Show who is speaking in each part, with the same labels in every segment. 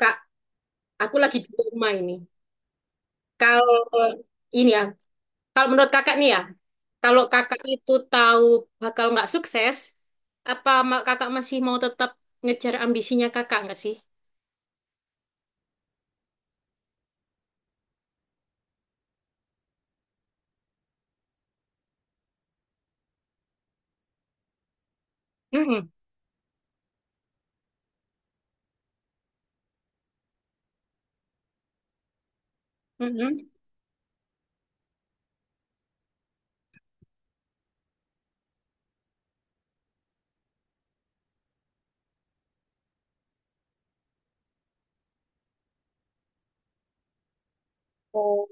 Speaker 1: Kak, aku lagi di rumah ini. Kalau ini ya, kalau menurut kakak nih ya, kalau kakak itu tahu bakal nggak sukses, kakak masih mau tetap ngejar ambisinya kakak nggak sih? Mm-mm. Mm-mm. Oh.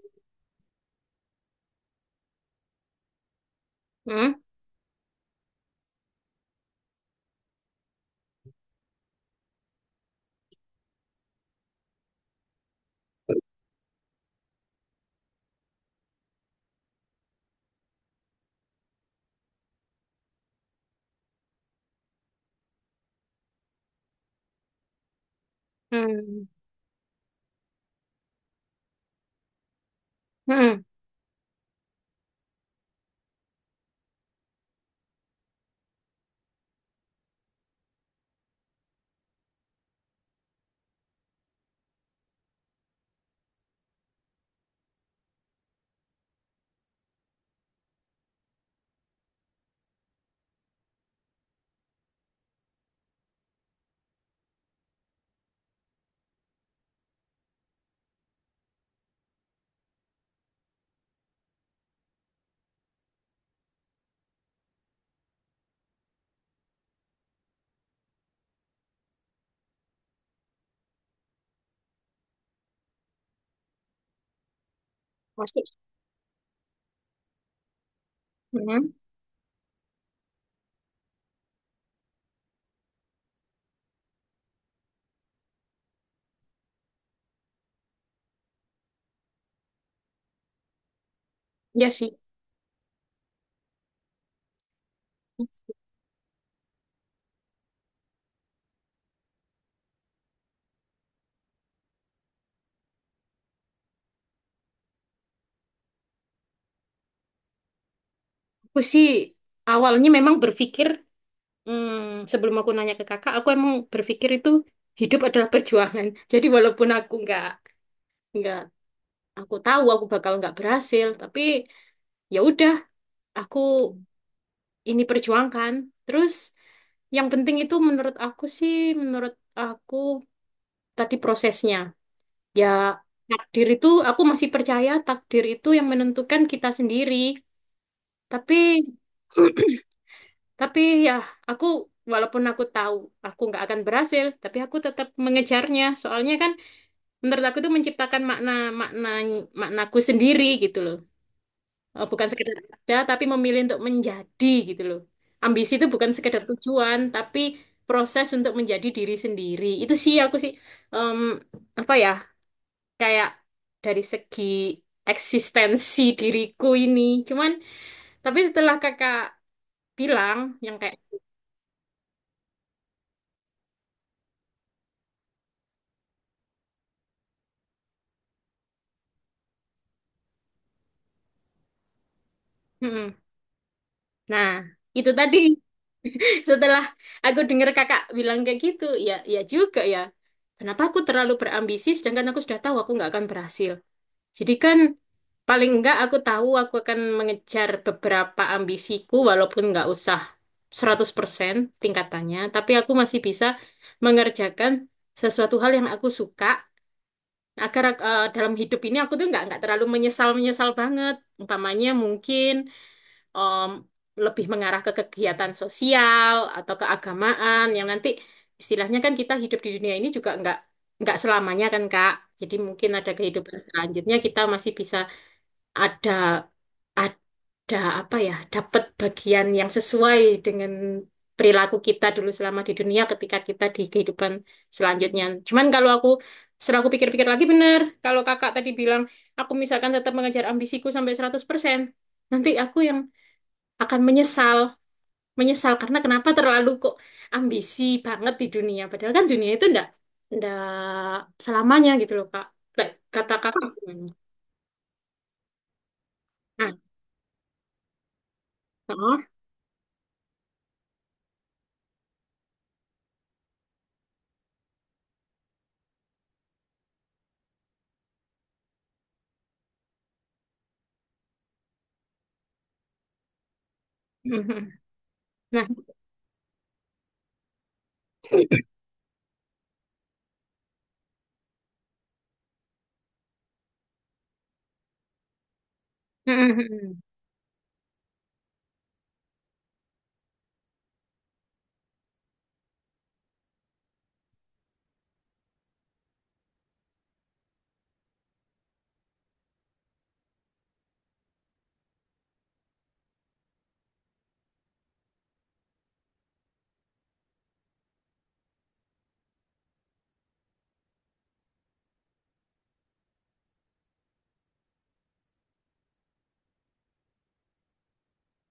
Speaker 1: Mm. Mm. Mm. Masuk. Mm. Ya sih. Aku sih awalnya memang berpikir, sebelum aku nanya ke kakak, aku emang berpikir itu hidup adalah perjuangan. Jadi walaupun aku nggak aku tahu aku bakal nggak berhasil, tapi ya udah aku ini perjuangkan terus. Yang penting itu menurut aku sih, menurut aku, tadi prosesnya ya. Takdir itu, aku masih percaya takdir itu yang menentukan kita sendiri, tapi tapi ya aku, walaupun aku tahu aku nggak akan berhasil, tapi aku tetap mengejarnya soalnya kan menurut aku itu menciptakan makna makna maknaku sendiri gitu loh. Oh, bukan sekedar ada, tapi memilih untuk menjadi gitu loh. Ambisi itu bukan sekedar tujuan, tapi proses untuk menjadi diri sendiri. Itu sih aku sih, em, apa ya, kayak dari segi eksistensi diriku ini. Cuman, tapi setelah kakak bilang yang kayak, "Mm-mm." Nah, itu tadi, setelah aku dengar kakak bilang kayak gitu, ya ya juga ya. Kenapa aku terlalu berambisi sedangkan aku sudah tahu aku nggak akan berhasil? Jadi kan paling enggak aku tahu aku akan mengejar beberapa ambisiku walaupun enggak usah 100% tingkatannya, tapi aku masih bisa mengerjakan sesuatu hal yang aku suka agar dalam hidup ini aku tuh enggak terlalu menyesal-menyesal banget. Umpamanya mungkin em, lebih mengarah ke kegiatan sosial atau keagamaan yang nanti istilahnya kan kita hidup di dunia ini juga enggak selamanya kan Kak. Jadi mungkin ada kehidupan selanjutnya kita masih bisa ada ada apa ya dapat bagian yang sesuai dengan perilaku kita dulu selama di dunia ketika kita di kehidupan selanjutnya. Cuman kalau aku setelah aku pikir-pikir lagi, bener kalau kakak tadi bilang, aku misalkan tetap mengejar ambisiku sampai seratus persen, nanti aku yang akan menyesal menyesal karena kenapa terlalu kok ambisi banget di dunia padahal kan dunia itu ndak ndak selamanya gitu loh Kak. Kayak kata kakak gimana? Nah, oh. Mhm. Nah, mm-mm, mm-mm.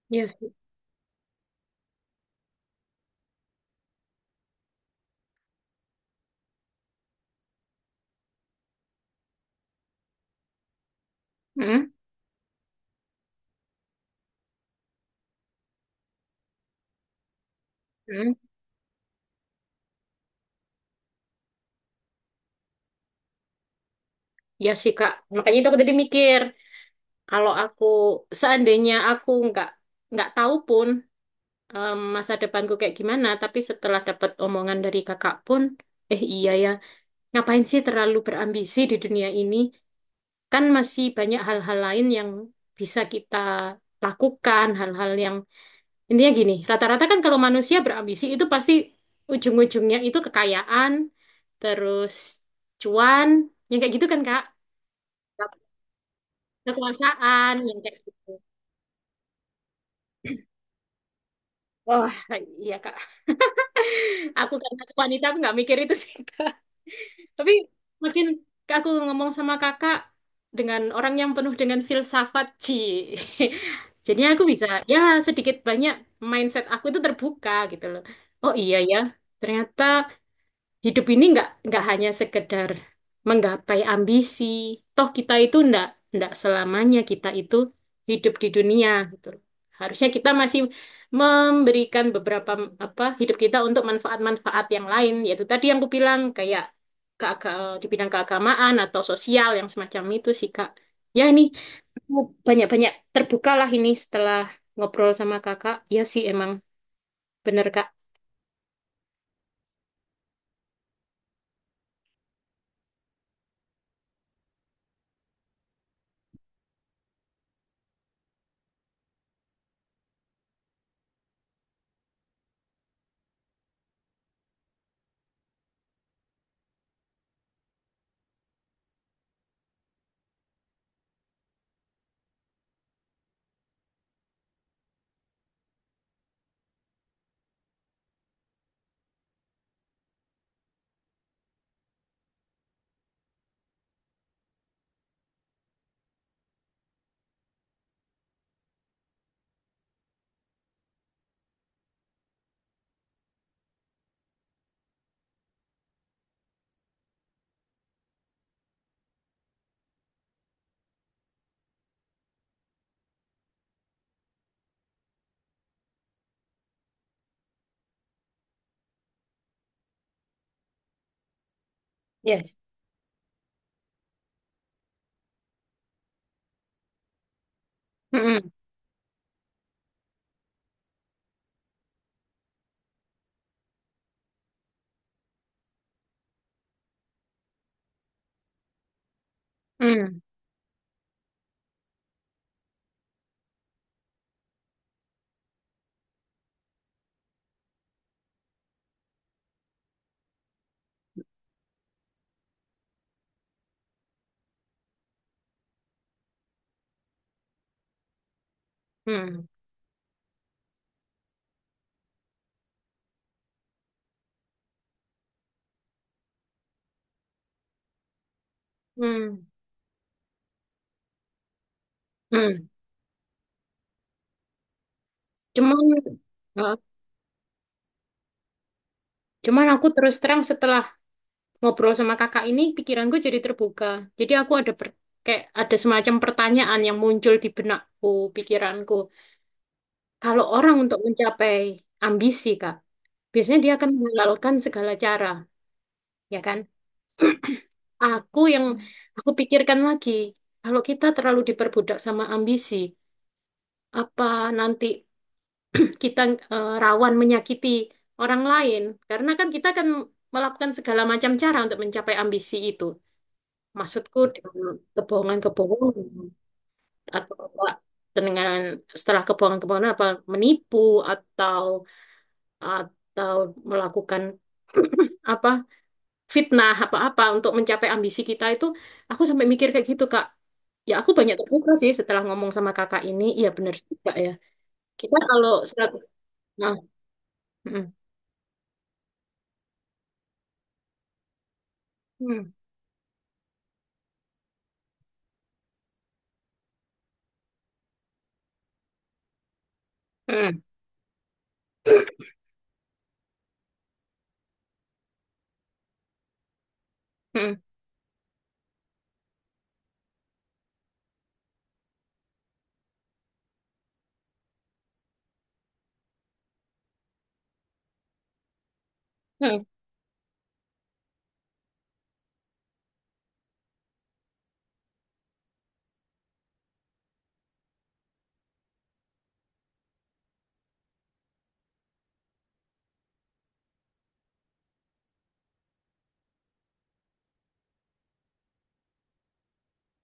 Speaker 1: Iya sih. Mm-mm, mm-mm. Iya sih Kak. Makanya itu aku tadi mikir, kalau aku seandainya aku nggak tahu pun masa depanku kayak gimana, tapi setelah dapat omongan dari kakak pun, eh iya ya, ngapain sih terlalu berambisi di dunia ini? Kan masih banyak hal-hal lain yang bisa kita lakukan, hal-hal yang… Intinya gini, rata-rata kan kalau manusia berambisi itu pasti ujung-ujungnya itu kekayaan, terus cuan, yang kayak gitu kan Kak? Kekuasaan, yang kayak gitu. Wah, iya Kak. Aku karena aku wanita, aku nggak mikir itu sih Kak. Tapi makin aku ngomong sama Kakak dengan orang yang penuh dengan filsafat, Ci. Jadinya aku bisa, ya sedikit banyak mindset aku itu terbuka gitu loh. Oh iya ya, ternyata hidup ini nggak hanya sekedar menggapai ambisi. Toh kita itu ndak ndak selamanya kita itu hidup di dunia gitu. Harusnya kita masih memberikan beberapa m- apa hidup kita untuk manfaat-manfaat yang lain, yaitu tadi yang aku bilang kayak di bidang keagamaan atau sosial yang semacam itu sih Kak. Ya ini aku banyak-banyak terbukalah ini setelah ngobrol sama Kakak. Ya sih emang bener Kak. Yes. Mm-mm. Mm. Mm. Mm. Hmm. Cuman, eh, cuman aku terus terang setelah ngobrol sama kakak ini, pikiranku jadi terbuka. Jadi aku ada kayak ada semacam pertanyaan yang muncul di benakku, pikiranku. Kalau orang untuk mencapai ambisi, Kak, biasanya dia akan menghalalkan segala cara, ya kan? Aku yang, aku pikirkan lagi, kalau kita terlalu diperbudak sama ambisi, apa nanti kita rawan menyakiti orang lain karena kan kita akan melakukan segala macam cara untuk mencapai ambisi itu. Maksudku dengan kebohongan-kebohongan atau apa, dengan setelah kebohongan-kebohongan apa menipu, atau atau melakukan apa fitnah apa-apa untuk mencapai ambisi kita itu, aku sampai mikir kayak gitu Kak. Ya aku banyak terbuka sih setelah ngomong sama kakak ini, iya bener juga ya. Kita kalau serat, nah, mm, mm, mm. Hmm, hmm,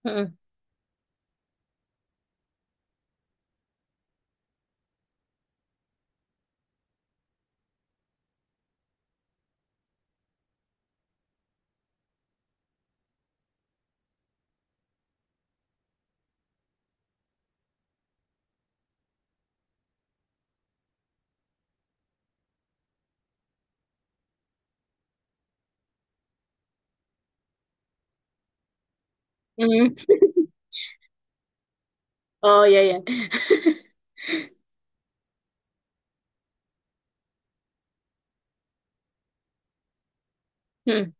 Speaker 1: hmm, hmm. Oh ya ya. Hmm,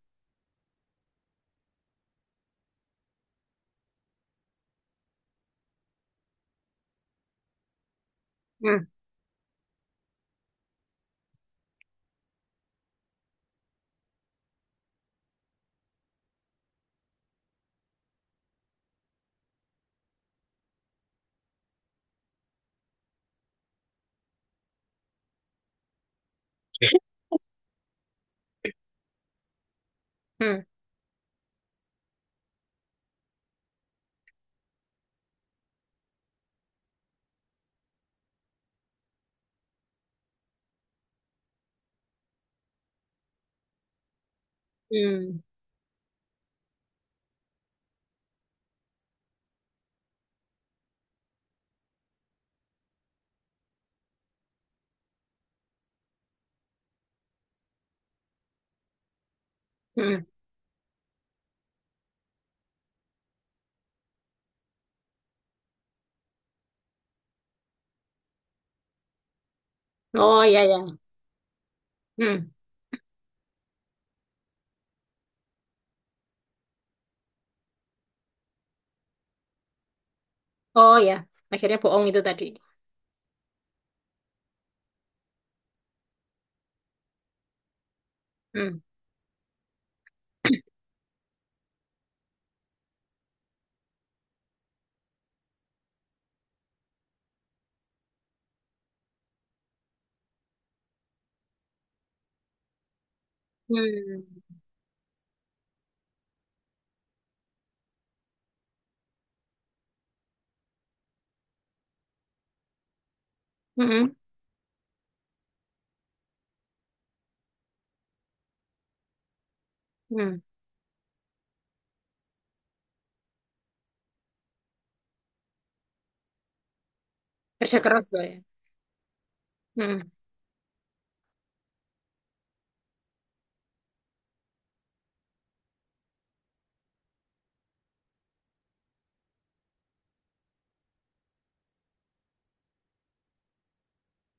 Speaker 1: hmm, hmm, hmm, hmm. Oh ya ya. Hmm. Oh ya. Akhirnya bohong itu tadi. Hmm, hmm, hmm, hmm. Kerja keras loh ya. Hmm.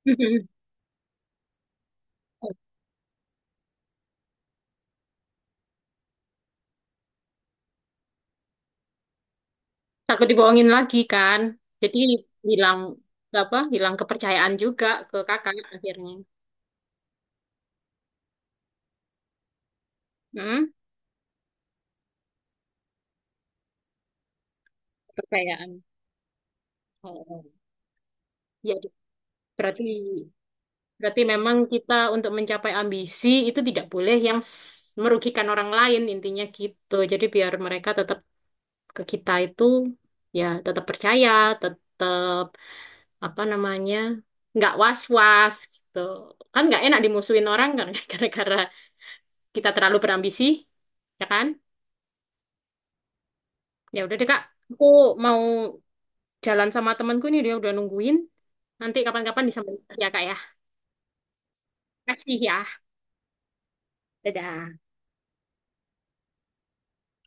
Speaker 1: Hmm. Takut dibohongin lagi kan. Jadi hilang apa? Hilang kepercayaan juga ke kakak akhirnya. Hmm, kepercayaan. Oh, ya berarti Berarti memang kita untuk mencapai ambisi itu tidak boleh yang merugikan orang lain intinya gitu. Jadi biar mereka tetap ke kita itu ya tetap percaya, tetap apa namanya, nggak was-was gitu. Kan nggak enak dimusuhin orang kan gara-gara kita terlalu berambisi, ya kan? Ya udah deh Kak, aku mau jalan sama temanku nih, dia udah nungguin. Nanti kapan-kapan disambung ya Kak ya. Kasih ya. Dadah.